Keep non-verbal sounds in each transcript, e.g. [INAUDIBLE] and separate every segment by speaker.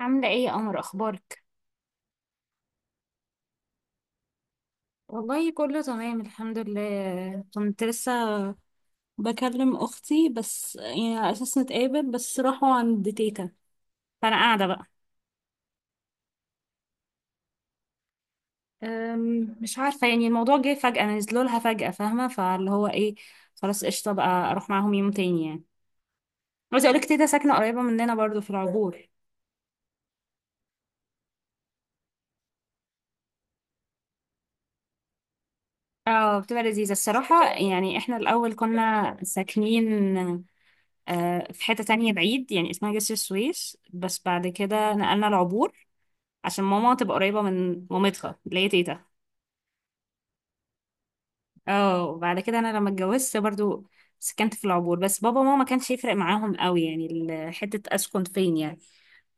Speaker 1: عاملة ايه يا قمر، اخبارك؟ والله كله تمام الحمد لله. كنت لسه بكلم اختي بس يعني على اساس نتقابل، بس راحوا عند تيتا فانا قاعدة بقى. مش عارفة، يعني الموضوع جه فجأة، نزلوا لها فجأة، فاهمة؟ فاللي هو ايه، خلاص قشطة بقى اروح معاهم يوم تاني يعني. عايزة اقولك تيتا ساكنة قريبة مننا برضو في العبور. اه بتبقى لذيذة الصراحة، يعني احنا الأول كنا ساكنين في حتة تانية بعيد يعني، اسمها جسر السويس، بس بعد كده نقلنا العبور عشان ماما تبقى قريبة من مامتها اللي هي تيتا. اه وبعد كده انا لما اتجوزت برضو سكنت في العبور، بس بابا وماما ما كانش يفرق معاهم قوي يعني حتة اسكن فين يعني.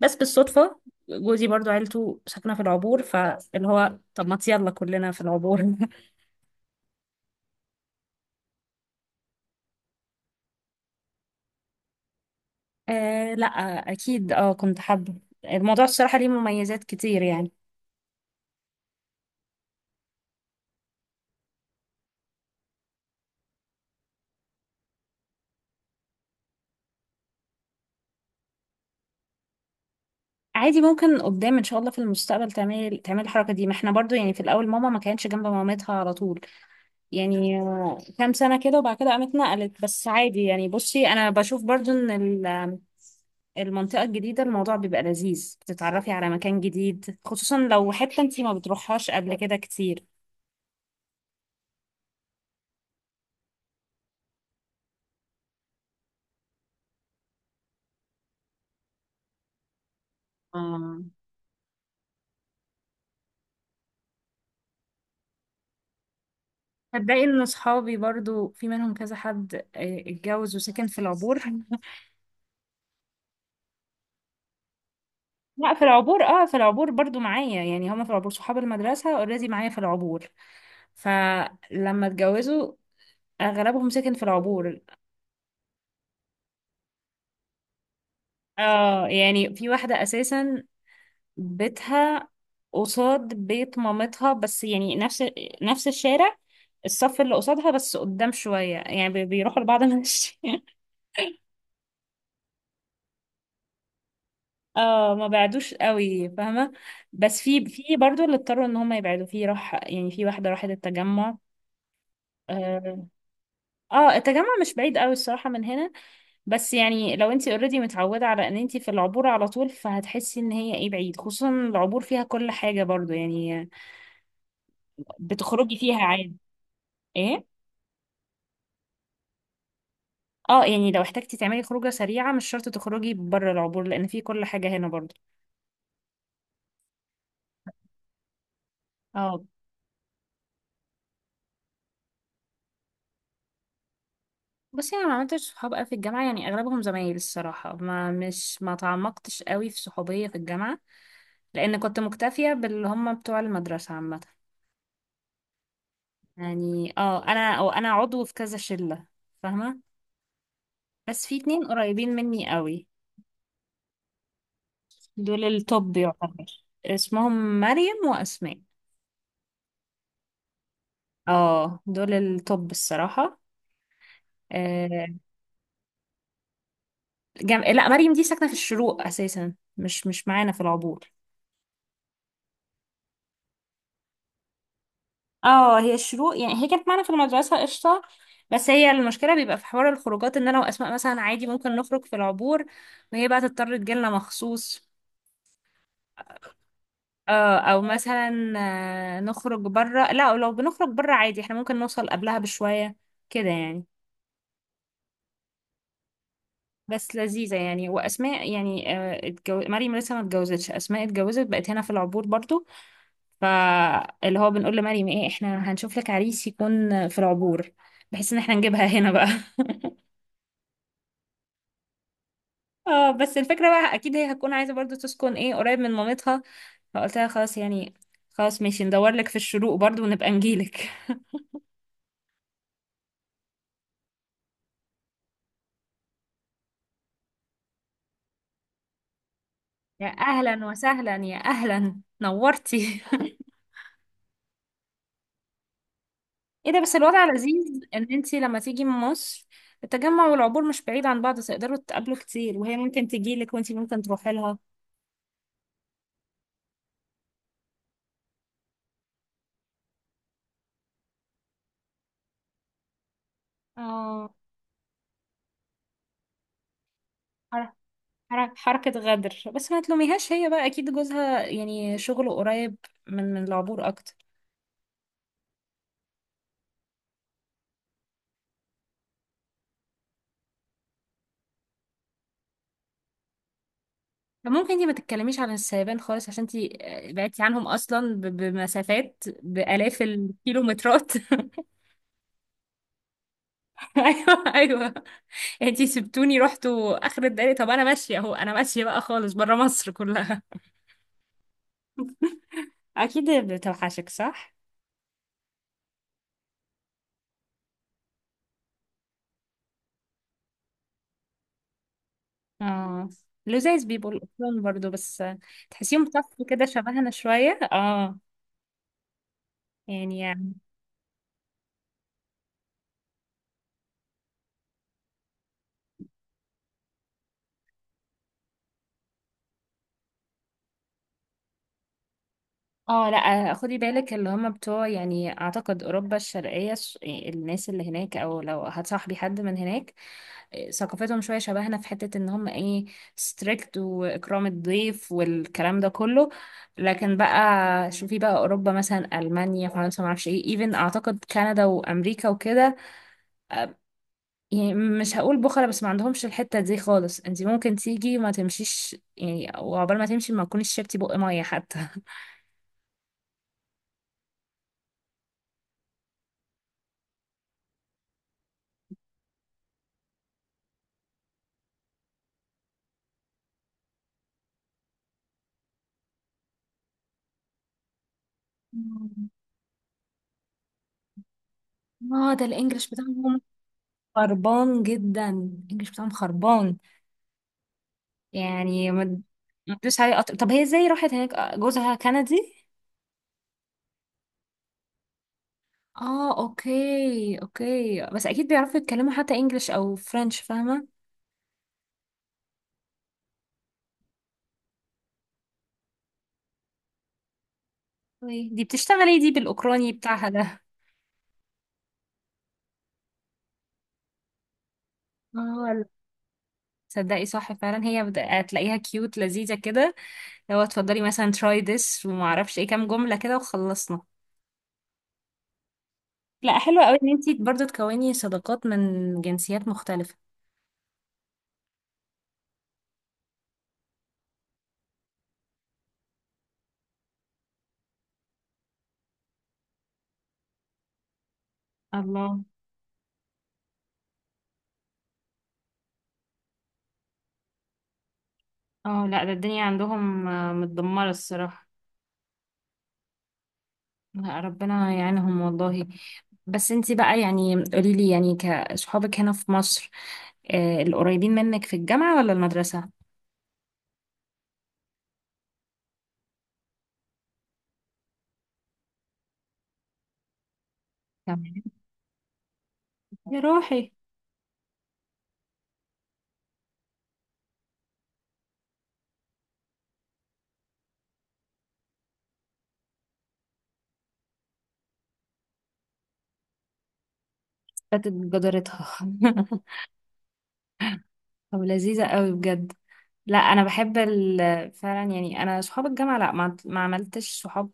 Speaker 1: بس بالصدفة جوزي برضو عيلته ساكنة في العبور، فاللي هو طب ما يلا كلنا في العبور. [LAUGHS] آه لا، اكيد اه كنت حابة. الموضوع الصراحة ليه مميزات كتير يعني. عادي ممكن قدام ان شاء الله في المستقبل تعمل الحركة دي. ما احنا برضو يعني في الاول ماما ما كانتش جنب مامتها على طول، يعني كام سنة كده وبعد كده قامت نقلت. بس عادي يعني، بصي أنا بشوف برضو إن المنطقة الجديدة الموضوع بيبقى لذيذ، بتتعرفي على مكان جديد، خصوصا لو حتة انتي ما بتروحهاش قبل كده كتير. اه هتلاقي إن صحابي برضو في منهم كذا حد، اتجوز وسكن في العبور. [LAUGHS] لا في العبور، اه في العبور برضو معايا، يعني هما في العبور صحاب المدرسة اوريدي معايا في العبور، فلما اتجوزوا أغلبهم سكن في العبور. اه يعني في واحدة أساسا بيتها قصاد بيت مامتها، بس يعني نفس الشارع، الصف اللي قصادها بس قدام شوية يعني، بيروحوا لبعض. [LAUGHS] ماشي، اه ما بعدوش قوي فاهمة. بس في برضو اللي اضطروا ان هم يبعدوا، في راح يعني، في واحدة راحت التجمع. اه التجمع مش بعيد قوي الصراحة من هنا، بس يعني لو انتي اوريدي متعودة على ان انتي في العبور على طول فهتحسي ان هي ايه بعيد، خصوصا العبور فيها كل حاجة برضو يعني، بتخرجي فيها عادي. ايه، اه يعني لو احتاجتي تعملي خروجة سريعة مش شرط تخرجي بره العبور، لأن في كل حاجة هنا برضه. اه بصي انا ما عملتش صحاب قوي في الجامعه، يعني اغلبهم زمايل الصراحه، ما تعمقتش قوي في صحوبيه في الجامعه لان كنت مكتفيه باللي هم بتوع المدرسه عامه. يعني اه انا عضو في كذا شله، فاهمه؟ بس في اتنين قريبين مني قوي، دول التوب يعتبر، اسمهم مريم واسماء. اه دول التوب الصراحه. آه، لا مريم دي ساكنة في الشروق أساسا، مش معانا في العبور. اه هي الشروق، يعني هي كانت معانا في المدرسة قشطة، بس هي المشكلة بيبقى في حوار الخروجات ان انا واسماء مثلا عادي ممكن نخرج في العبور وهي بقى تضطر تجيلنا مخصوص. اه او مثلا نخرج بره. لا لو بنخرج بره عادي احنا ممكن نوصل قبلها بشوية كده يعني. بس لذيذة يعني، واسماء يعني، مريم لسه ما اتجوزتش، اسماء اتجوزت بقت هنا في العبور برضو، فاللي هو بنقول لمريم ايه احنا هنشوف لك عريس يكون في العبور بحيث ان احنا نجيبها هنا بقى. [LAUGHS] اه بس الفكرة بقى اكيد هي هتكون عايزة برضو تسكن ايه قريب من مامتها، فقلت لها خلاص يعني، خلاص ماشي ندور لك في الشروق برضو ونبقى نجيلك. [LAUGHS] يا اهلا وسهلا، يا اهلا نورتي. [LAUGHS] ايه ده بس، الوضع لذيذ ان انتي لما تيجي من مصر، التجمع والعبور مش بعيد عن بعض، تقدروا تقابلوا كتير، وهي ممكن تجيلك وانتي ممكن تروحي لها. اه حركة غدر، بس ما تلوميهاش، هي بقى أكيد جوزها يعني شغله قريب من العبور أكتر. فممكن انتي ما تتكلميش عن السيبان خالص، عشان انتي بعدتي عنهم أصلا بمسافات بآلاف الكيلومترات. [LAUGHS] أيوه، انتي سبتوني رحتوا آخر الدنيا، طب أنا ماشية أهو، أنا ماشية بقى خالص برا مصر كلها. أكيد بتوحشك، صح؟ اه لذاذ بيبقوا الأطفال برضو، بس تحسيهم صف كده شبهنا شوية، اه يعني. اه لا خدي بالك، اللي هم بتوع يعني اعتقد اوروبا الشرقيه، الناس اللي هناك او لو هتصاحبي حد من هناك، ثقافتهم شويه شبهنا في حته، ان هم ايه، ستريكت واكرام الضيف والكلام ده كله. لكن بقى شوفي بقى اوروبا مثلا، المانيا، فرنسا، ما اعرفش ايه، ايفن اعتقد كندا وامريكا وكده، يعني مش هقول بخلة بس ما عندهمش الحته دي خالص. انت ممكن تيجي ما تمشيش يعني، وعقبال ما تمشي ما تكونيش شربتي بق ميه حتى. مم. اه ده الانجليش بتاعهم خربان، جدا الانجليش بتاعهم خربان. يعني ما تدوس عليه قطر. طب هي ازاي راحت هناك، جوزها كندي؟ اه اوكي اوكي، بس اكيد بيعرفوا يتكلموا حتى انجليش او فرنش، فاهمه؟ أوكي. دي بتشتغلي، دي بالاوكراني بتاعها ده؟ اه لا. تصدقي صح فعلا، هي هتلاقيها كيوت لذيذه كده، لو اتفضلي مثلا تراي ذس وما اعرفش ايه كام جمله كده وخلصنا. لا حلوه قوي ان انتي برضه تكوني صداقات من جنسيات مختلفه. الله، اه لا ده الدنيا عندهم متدمرة الصراحة. لا ربنا يعينهم والله. بس انتي بقى يعني قوليلي، يعني كصحابك هنا في مصر، آه القريبين منك في الجامعة ولا المدرسة؟ تمام، يا روحي، فاتت جدارتها. [LAUGHS] طب لذيذة قوي بجد. لا انا بحب فعلا يعني، انا صحاب الجامعة لا ما عملتش صحاب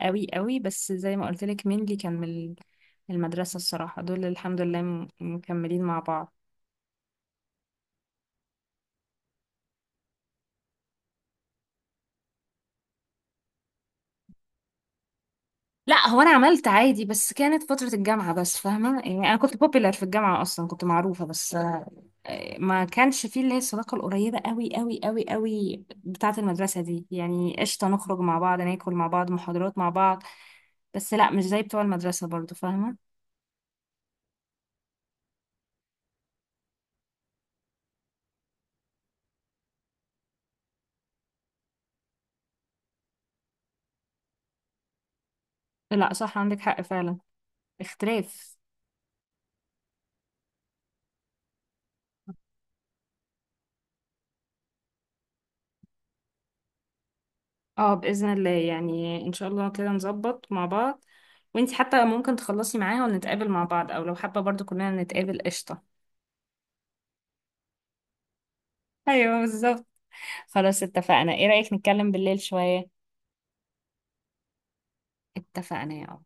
Speaker 1: قوي قوي، بس زي ما قلت لك، مين اللي كان من المدرسة الصراحة دول الحمد لله مكملين مع بعض. لا هو انا عملت عادي، بس كانت فترة الجامعة بس فاهمة، يعني انا كنت بوبيلر في الجامعة اصلا، كنت معروفة، بس ما كانش فيه اللي هي الصداقة القريبة قوي قوي قوي قوي بتاعة المدرسة دي. يعني قشطة نخرج مع بعض، ناكل مع بعض، محاضرات مع بعض، بس لا مش زي بتوع المدرسة برضو فاهمة. لا صح، عندك حق فعلا، اختلاف. اه بإذن الله، يعني ان شاء الله كده نظبط مع بعض، وانتي حتى ممكن تخلصي معاها ونتقابل مع بعض، او لو حابة برضو كلنا نتقابل قشطة. ايوه بالظبط. خلاص اتفقنا، ايه رأيك نتكلم بالليل شوية؟ اتفقنا يا عم.